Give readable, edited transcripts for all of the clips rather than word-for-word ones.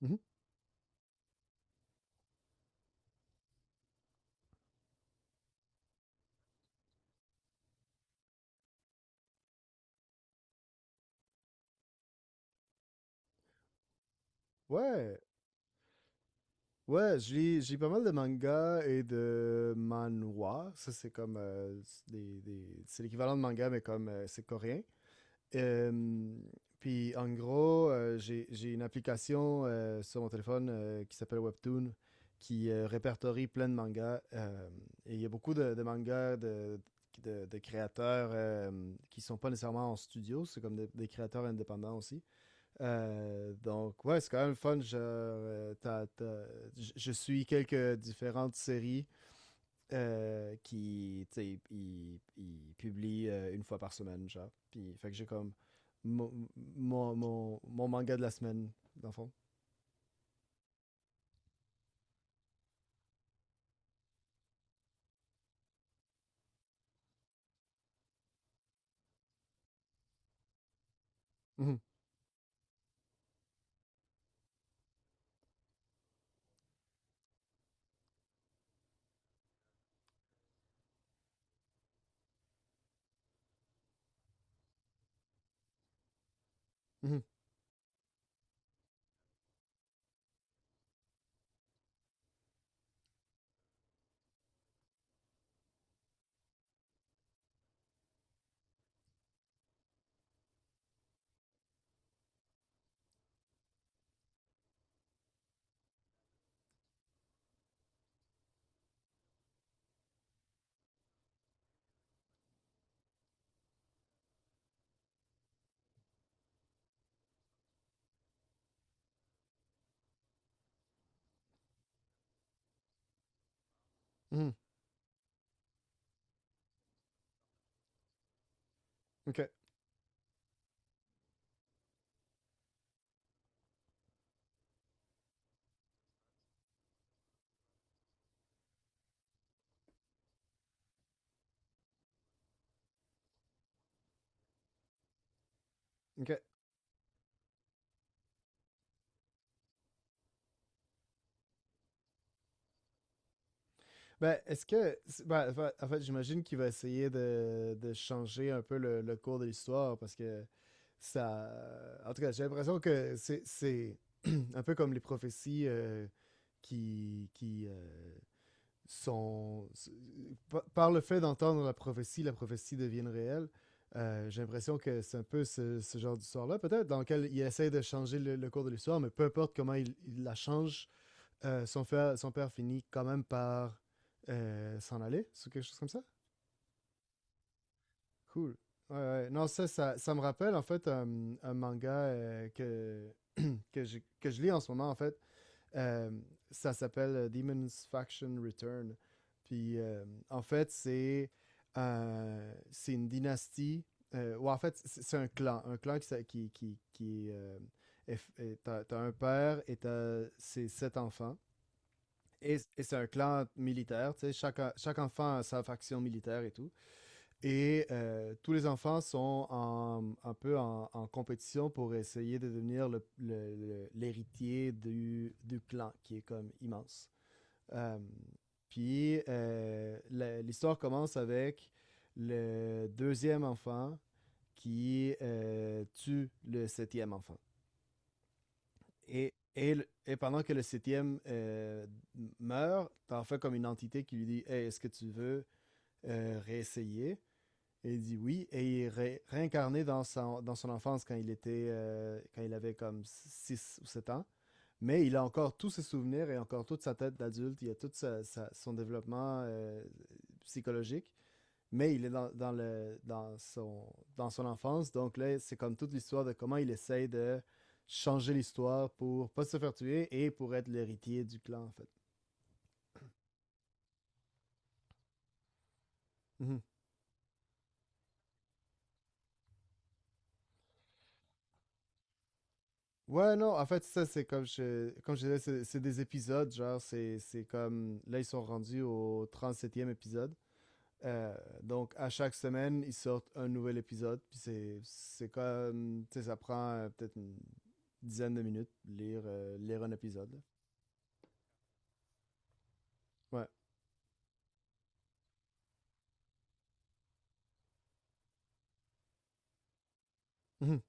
Mmh. Ouais, ouais, j'ai pas mal de mangas et de manhwa. Ça, c'est comme, c'est des c'est l'équivalent de manga, mais comme, c'est coréen. Euh, puis en gros, j'ai une application sur mon téléphone qui s'appelle Webtoon, qui répertorie plein de mangas. Et il y a beaucoup de mangas de, de créateurs qui sont pas nécessairement en studio, c'est comme des créateurs indépendants aussi. Donc ouais, c'est quand même fun. Genre, je suis quelques différentes séries qui, tu sais, il publie une fois par semaine, genre. Puis, fait que j'ai comme mon, mon manga de la semaine, dans le fond. Mhm, mhm, mhm. OK, OK. Ben, est-ce que... ben, en fait, j'imagine qu'il va essayer de changer un peu le cours de l'histoire, parce que ça... En tout cas, j'ai l'impression que c'est un peu comme les prophéties, qui sont, par le fait d'entendre la prophétie devienne réelle. J'ai l'impression que c'est un peu ce, ce genre d'histoire-là, peut-être, dans lequel il essaie de changer le cours de l'histoire, mais peu importe comment il la change, son père finit quand même par s'en aller, ou quelque chose comme ça. Cool. Ouais, ouais. Non, ça me rappelle en fait un manga que je lis en ce moment, en fait, euh, ça s'appelle Demon's Faction Return. Puis en fait, c'est une dynastie. Ou en fait, c'est un clan. Un clan qui. T'as, t'as un père et t'as ses sept enfants. Et c'est un clan militaire. Tu sais, chaque, chaque enfant a sa faction militaire et tout. Et tous les enfants sont un peu en, en compétition pour essayer de devenir l'héritier du clan, qui est comme immense. Euh, puis l'histoire commence avec le deuxième enfant qui tue le septième enfant. Et, et, et pendant que le septième meurt, t'en fais comme une entité qui lui dit « Hey, est-ce que tu veux réessayer? » et il dit oui, et il est réincarné dans son enfance quand il était quand il avait comme 6 ou 7 ans. Mais il a encore tous ses souvenirs et encore toute sa tête d'adulte, il a tout son développement psychologique, mais il est dans, dans le, dans son enfance. Donc là, c'est comme toute l'histoire de comment il essaye de changer l'histoire pour pas se faire tuer et pour être l'héritier du clan, en fait. Mhm. Ouais, non, en fait, ça, c'est comme je disais, c'est des épisodes, genre, c'est comme, là, ils sont rendus au trente septième épisode. Euh, donc, à chaque semaine, ils sortent un nouvel épisode, puis c'est comme, tu sais, ça prend peut-être une dizaine de minutes lire, lire un épisode. Là. Ouais. Mhm.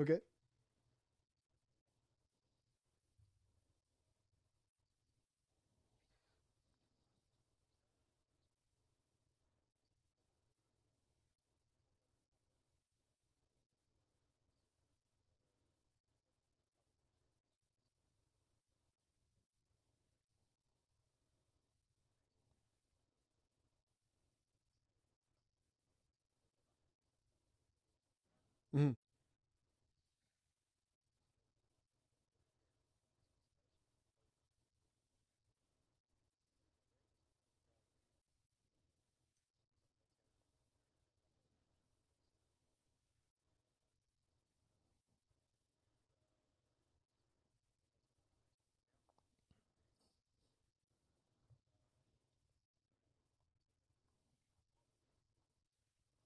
OK. Mhm.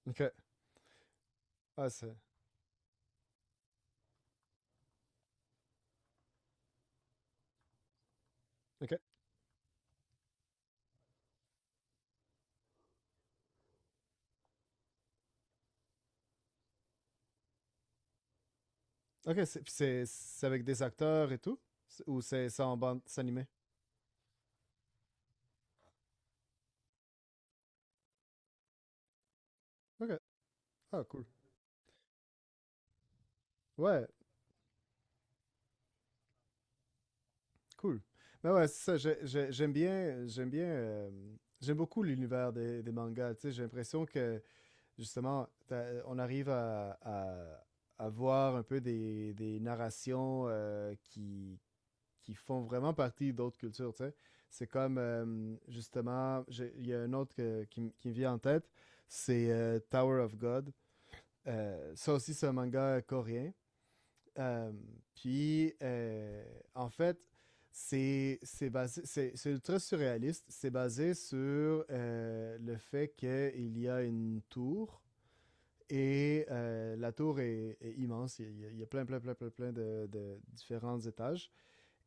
OK. Ah, c'est... OK. OK, c'est puis c'est avec des acteurs et tout? C'est- ou c'est ça en bande animée? OK. Ah, cool. Ouais. Cool. Ben ouais, c'est ça. J'aime bien, j'aime bien, j'aime beaucoup l'univers des mangas. Tu sais, j'ai l'impression que justement, on arrive à voir un peu des narrations qui font vraiment partie d'autres cultures. Tu sais, c'est comme justement, il y a un autre qui, qui me vient en tête, c'est Tower of God. Ça aussi, c'est un manga coréen. Euh, puis, euh, en fait, c'est basé, c'est ultra surréaliste. C'est basé sur le fait qu'il y a une tour et la tour est, est immense. Il y a plein de différents étages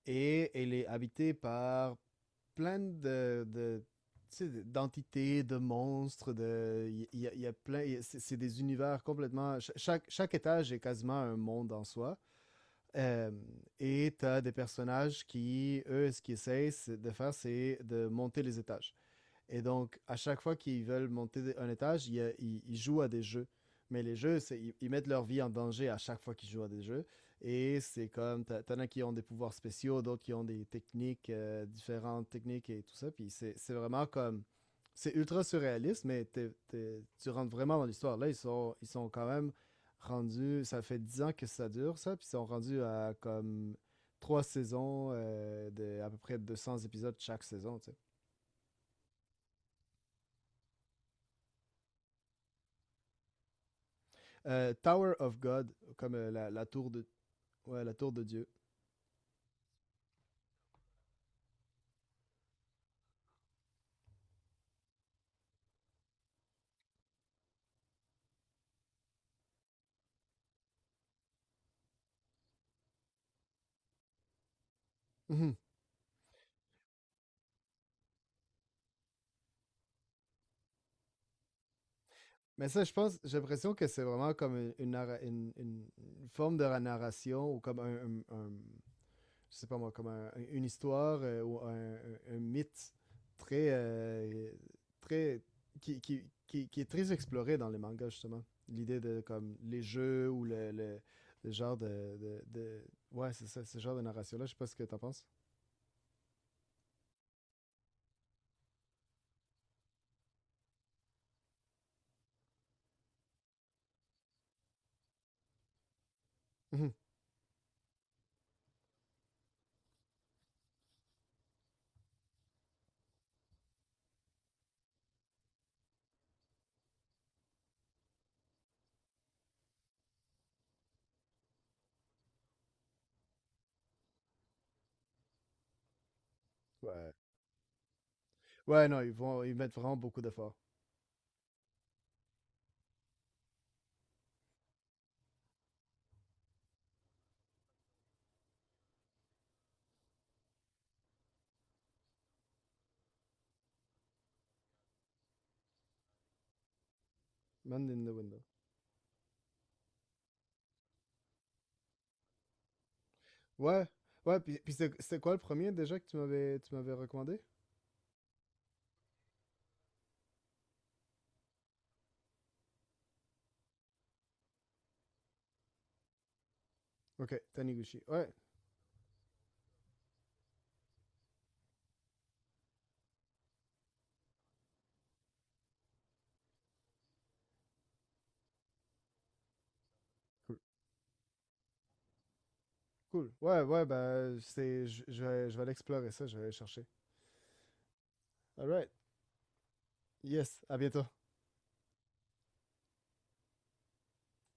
et elle est habitée par plein de tu sais, d'entités, de monstres, de il y a plein, il y a- c'est des univers complètement. Chaque, chaque étage est quasiment un monde en soi. Euh, et tu as des personnages qui, eux, ce qu'ils essayent de faire, c'est de monter les étages. Et donc, à chaque fois qu'ils veulent monter un étage, ils, ils jouent à des jeux. Mais les jeux, c'est, ils mettent leur vie en danger à chaque fois qu'ils jouent à des jeux. Et c'est comme, t'en as qui ont des pouvoirs spéciaux, d'autres qui ont des techniques, différentes techniques et tout ça. Puis c'est vraiment comme, c'est ultra surréaliste, mais tu rentres vraiment dans l'histoire. Là, ils sont quand même rendus, ça fait 10 ans que ça dure, ça. Puis ils sont rendus à comme trois saisons de à peu près 200 épisodes chaque saison, tu sais. Tower of God, comme la, la tour de... Ouais, la tour de Dieu. Mhm. Mais ça, je pense, j'ai l'impression que c'est vraiment comme une, une forme de narration ou comme un, je sais pas moi, comme une histoire ou un, un mythe très, très, qui, qui est très exploré dans les mangas justement. L'idée de comme les jeux ou le, le genre de, ouais, c'est ça, ce genre de narration là. Je sais pas ce que t'en penses. Mhm. Ouais. Ouais, non, ils vont, ils mettent vraiment beaucoup d'efforts. Man in the Window. Ouais, ouais, puis, puis c'était quoi le premier déjà que tu m'avais recommandé? Ok, Taniguchi. Ouais, cool. Cool. Ouais, ouais, bah, c'est, je vais, je vais aller explorer ça, je vais aller chercher. Alright, yes, à bientôt.